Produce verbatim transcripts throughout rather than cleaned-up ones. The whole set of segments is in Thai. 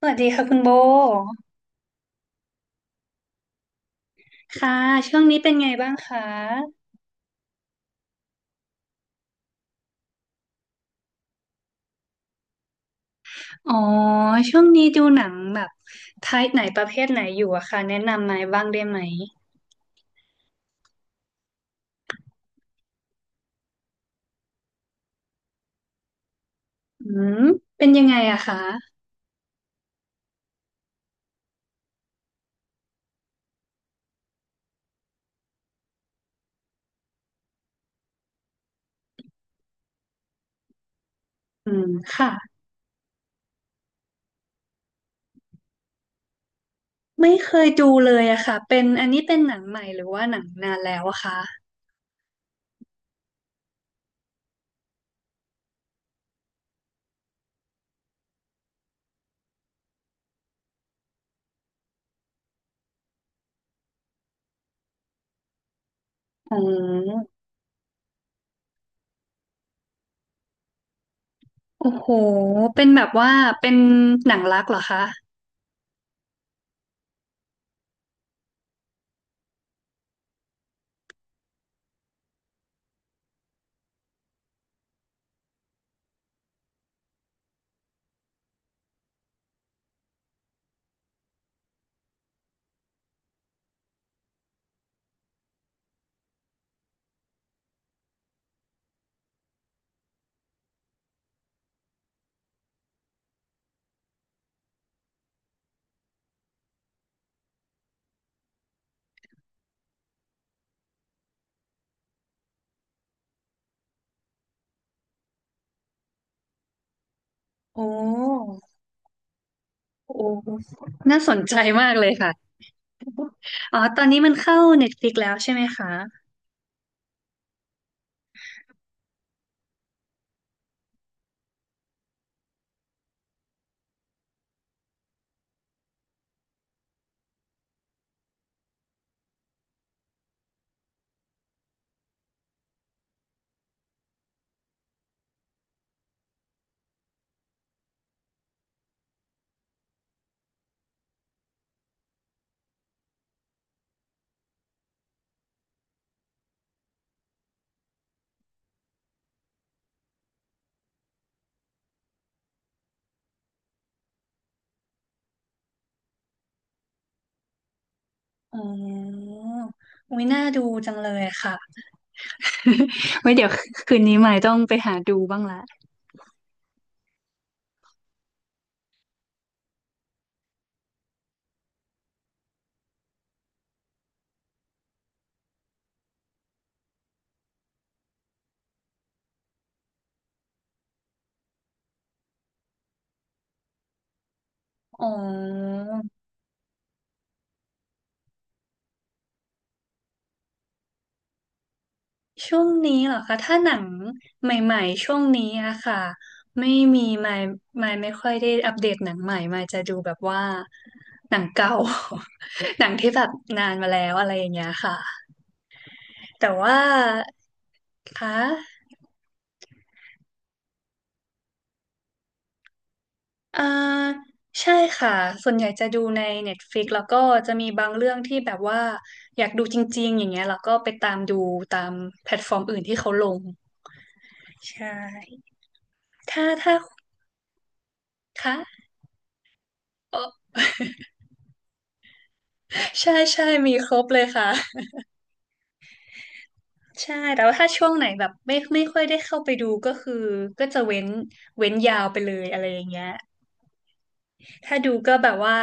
สวัสดีค่ะคุณโบค่ะช่วงนี้เป็นไงบ้างคะอ๋อช่วงนี้ดูหนังแบบไทป์ไหนประเภทไหนอยู่อะคะแนะนำมาบ้างได้ไหมอืมเป็นยังไงอะคะอืมค่ะไม่เคยดูเลยอะค่ะเป็นอันนี้เป็นหนังใหม่หรือว่าหนังนานแล้วอะคะอ๋อโอ้โหเป็นแบบว่าเป็นหนังรักเหรอคะโอ้โอ้น่าสนใจมากเลยค่ะอ๋อตอนนี้มันเข้า Netflix แล้วใช่ไหมคะ อ๋ออุ้ยน่าดูจังเลยค่ะ ไว้เดี๋ยวคืนนี้ใหม่ต้องไปหาดูบ้างละอ๋อช่วงนี้เหรอคะถ้าหนังใหม่ๆช่วงนี้อะค่ะไม่มีไม่ไม่ไม่ค่อยได้อัปเดตหนังใหม่ไม่จะดูแบบว่าหนังเก่า หนังที่แบบนานมาแล้วอะไรอย่างเงี้ยค่ะแต่ว่าคะ อ่าใช่ค่ะส่วนใหญ่จะดูใน Netflix แล้วก็จะมีบางเรื่องที่แบบว่าอยากดูจริงๆอย่างเงี้ยแล้วก็ไปตามดูตามแพลตฟอร์มอื่นที่เขาลงใช่ถ้าถ้าคะเออใช่ใช่มีครบเลยค่ะใช่แต่ว่าถ้าช่วงไหนแบบไม่ไม่ค่อยได้เข้าไปดูก็คือก็จะเว้นเว้นยาวไปเลยอะไรอย่างเงี้ยถ้าดูก็แบบว่า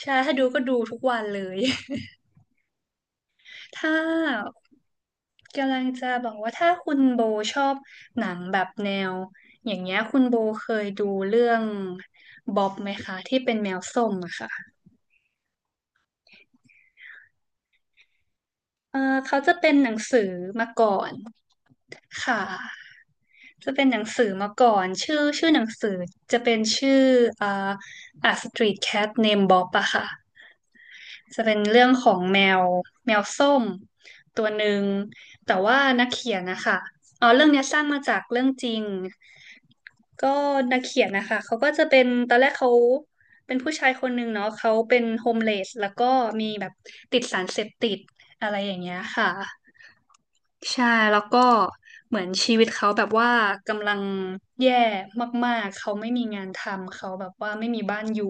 ใช่ถ้าดูก็ดูทุกวันเลย ถ้ากำลังจะบอกว่าถ้าคุณโบชอบหนังแบบแนวอย่างเงี้ยคุณโบเคยดูเรื่องบ๊อบไหมคะที่เป็นแมวส้มอะค่ะเออเขาจะเป็นหนังสือมาก่อนค่ะจะเป็นหนังสือมาก่อนชื่อชื่อหนังสือจะเป็นชื่ออ่า A Street Cat Named Bob อะค่ะจะเป็นเรื่องของแมวแมวส้มตัวหนึ่งแต่ว่านักเขียนนะคะอ๋อเรื่องเนี้ยสร้างมาจากเรื่องจริง ก็นักเขียนนะคะ เขาก็จะเป็นตอนแรกเขาเป็นผู้ชายคนหนึ่งเนาะเขาเป็นโฮมเลสแล้วก็มีแบบติดสารเสพติดอะไรอย่างเงี้ยค่ะใช่แล้วก็เหมือนชีวิตเขาแบบว่ากำลังแย่มากๆเขาไม่มีงานทำเขาแบบว่าไม่มีบ้านอยู่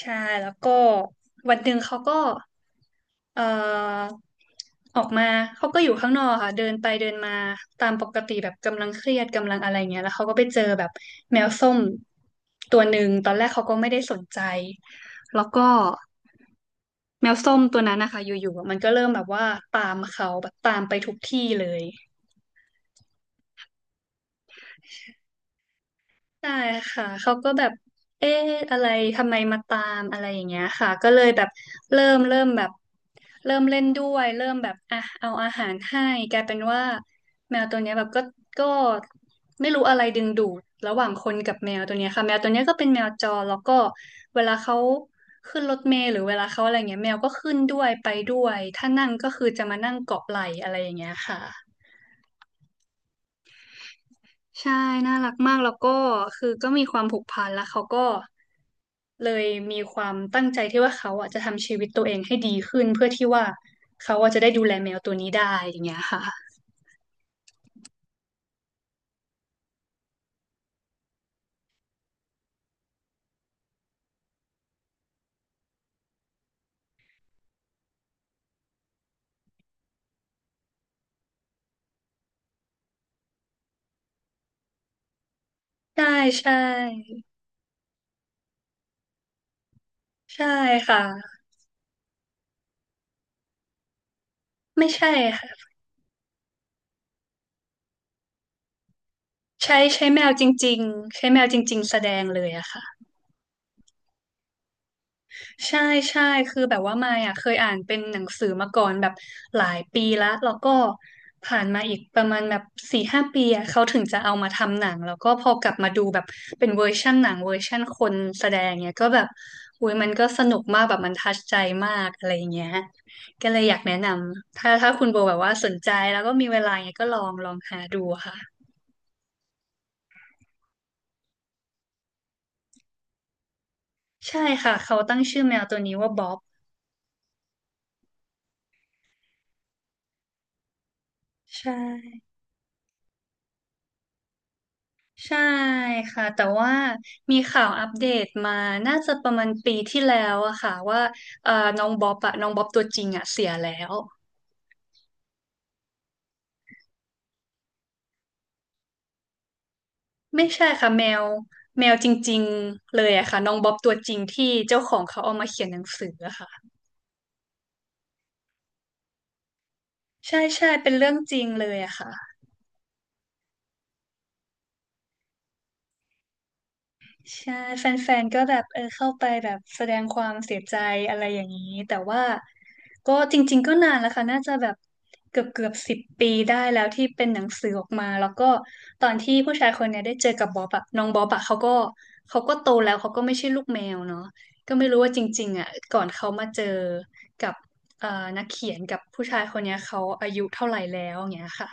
ใช่แล้วก็วันหนึ่งเขาก็เอ่อออกมาเขาก็อยู่ข้างนอกค่ะเดินไปเดินมาตามปกติแบบกำลังเครียดกำลังอะไรเงี้ยแล้วเขาก็ไปเจอแบบแมวส้มตัวหนึ่งตอนแรกเขาก็ไม่ได้สนใจแล้วก็แมวส้มตัวนั้นนะคะอยู่ๆอะมันก็เริ่มแบบว่าตามเขาแบบตามไปทุกที่เลยใช่ค่ะเขาก็แบบเอ๊ะอะไรทำไมมาตามอะไรอย่างเงี้ยค่ะก็เลยแบบเริ่มเริ่มแบบ เริ่มเล่นด้วยเริ่มแบบอ่ะเอาอาหารให้กลายเป็นว่าแมวตัวเนี้ยแบบก็ก็ไม่รู้อะไรดึงดูดระหว่างคนกับแมวตัวเนี้ยค่ะแมวตัวเนี้ยก็เป็นแมวจรแล้วก็เวลาเขาขึ้นรถเมล์หรือเวลาเขาอะไรเงี้ยแมวก็ขึ้นด้วยไปด้วยถ้านั่งก็คือจะมานั่งเกาะไหล่อะไรอย่างเงี้ยค่ะ ใช่น่ารักมากแล้วก็คือก็มีความผูกพันแล้วเขาก็เลยมีความตั้งใจที่ว่าเขาอ่ะจะทำชีวิตตัวเองให้ดีขึ้นเพื่อที่ว่าเขาอ่ะจะได้ดูแลแมวตัวนี้ได้อย่างเงี้ยค่ะใช่ใช่ใช่ค่ะไม่ใช่ค่ะใช้ใช้แมวจริงๆใช้แมวจริงๆแสดงเลยอะค่ะ ใช่ใช่คือแบบว่ามายอ่ะเคยอ่านเป็นหนังสือมาก่อนแบบหลายปีแล้วแล้วก็ผ่านมาอีกประมาณแบบสี่ห้าปีอ่ะเขาถึงจะเอามาทำหนังแล้วก็พอกลับมาดูแบบเป็นเวอร์ชั่นหนังเวอร์ชั่นคนแสดงเนี่ยก็แบบอุ้ยมันก็สนุกมากแบบมันทัชใจมากอะไรอย่างเงี้ยก็เลยอยากแนะนำถ้าถ้าคุณโบแบบว่าสนใจแล้วก็มีเวลาเนี่ยก็ลองลองหาดูค่ะใช่ค่ะเขาตั้งชื่อแมวตัวนี้ว่าบ๊อบใช่ ใช่ค่ะแต่ว่ามีข่าวอัปเดตมาน่าจะประมาณปีที่แล้วอะค่ะว่าเอ่อน้องบ๊อบอะน้องบ๊อบตัวจริงอะเสียแล้วไม่ใช่ค่ะแมวแมวจริงๆเลยอะค่ะน้องบ๊อบตัวจริงที่เจ้าของเขาเอามาเขียนหนังสืออะค่ะใช่ใช่เป็นเรื่องจริงเลยอะค่ะ ใช่แฟนๆก็แบบเออเข้าไปแบบแสดงความเสียใจอะไรอย่างนี้แต่ว่าก็จริงๆก็นานแล้วค่ะน่าจะแบบเกือบเกือบสิบปีได้แล้วที่เป็นหนังสือออกมาแล้วก็ตอนที่ผู้ชายคนเนี้ยได้เจอกับบ๊อบอะน้องบ๊อบอะเขาก็เขาก็โตแล้วเขาก็ไม่ใช่ลูกแมวเนาะก็ไม่รู้ว่าจริงๆอะก่อนเขามาเจอกับเอ่อนักเขียนกับผู้ชายคนเนี้ยเขาอายุเท่าไหร่แล้วอย่างเงี้ยค่ะ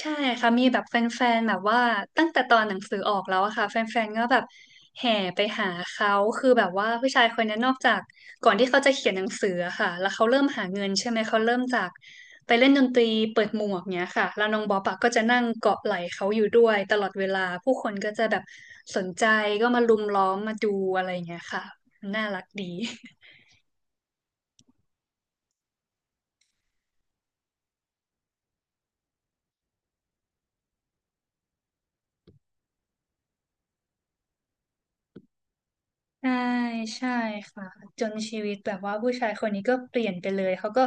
ใช่ค่ะมีแบบแฟนๆแบบว่าตั้งแต่ตอนหนังสือออกแล้วอะค่ะแฟนๆก็แบบแห่ไปหาเขาคือแบบว่าผู้ชายคนนี้นอกจากก่อนที่เขาจะเขียนหนังสืออะค่ะแล้วเขาเริ่มหาเงินใช่ไหมเขาเริ่มจากไปเล่นดนตรีเปิดหมวกเนี้ยค่ะแล้วน้องบ๊อบอะก็จะนั่งเกาะไหล่เขาอยู่ด้วยตลอดเวลาผู้คนก็จะแบบสนใจก็มาลุมล้อมมาดูอะไรอย่างเงี้ยค่ะน่ารักดี ใช่ใช่ค่ะจนชีวิตแบบว่าผู้ชายคนนี้ก็เปลี่ยนไปเลยเขาก็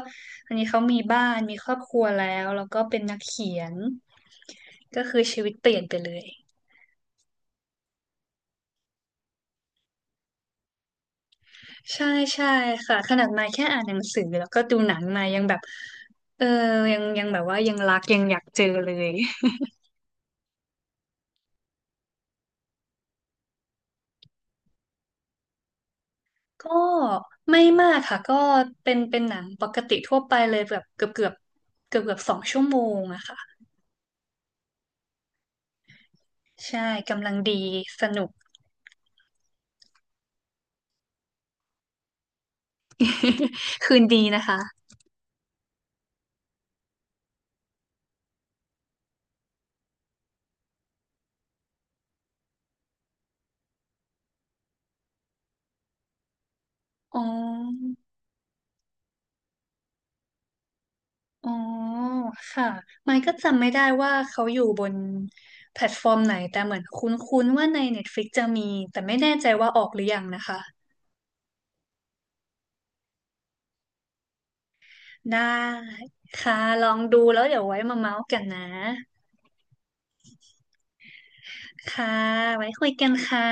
อันนี้เขามีบ้านมีครอบครัวแล้วแล้วก็เป็นนักเขียนก็คือชีวิตเปลี่ยนไปเลยใช่ใช่ค่ะขนาดมายแค่อ่านหนังสือแล้วก็ดูหนังมายังแบบเออยังยังแบบว่ายังรักยังอยากเจอเลย ก็ไม่มากค่ะก็เป็นเป็นหนังปกติทั่วไปเลยแบบเกือบเกือบเกือบเกือบสองชั่วโมงอะค่ะใช่กำลังดีสนุก คืนดีนะคะ อ๋ออ๋อค่ะ ไมค์ก็จำไม่ได้ว่าเขาอยู่บนแพลตฟอร์มไหน แต่เหมือนคุ้นๆว่าใน Netflix จะมี แต่ไม่แน่ใจว่าออกหรือยังนะคะได้ค่ะ ลองดูแล้วเดี๋ยวไว้มาเมาส์กันนะ ค่ะ ไว้คุยกันค่ะ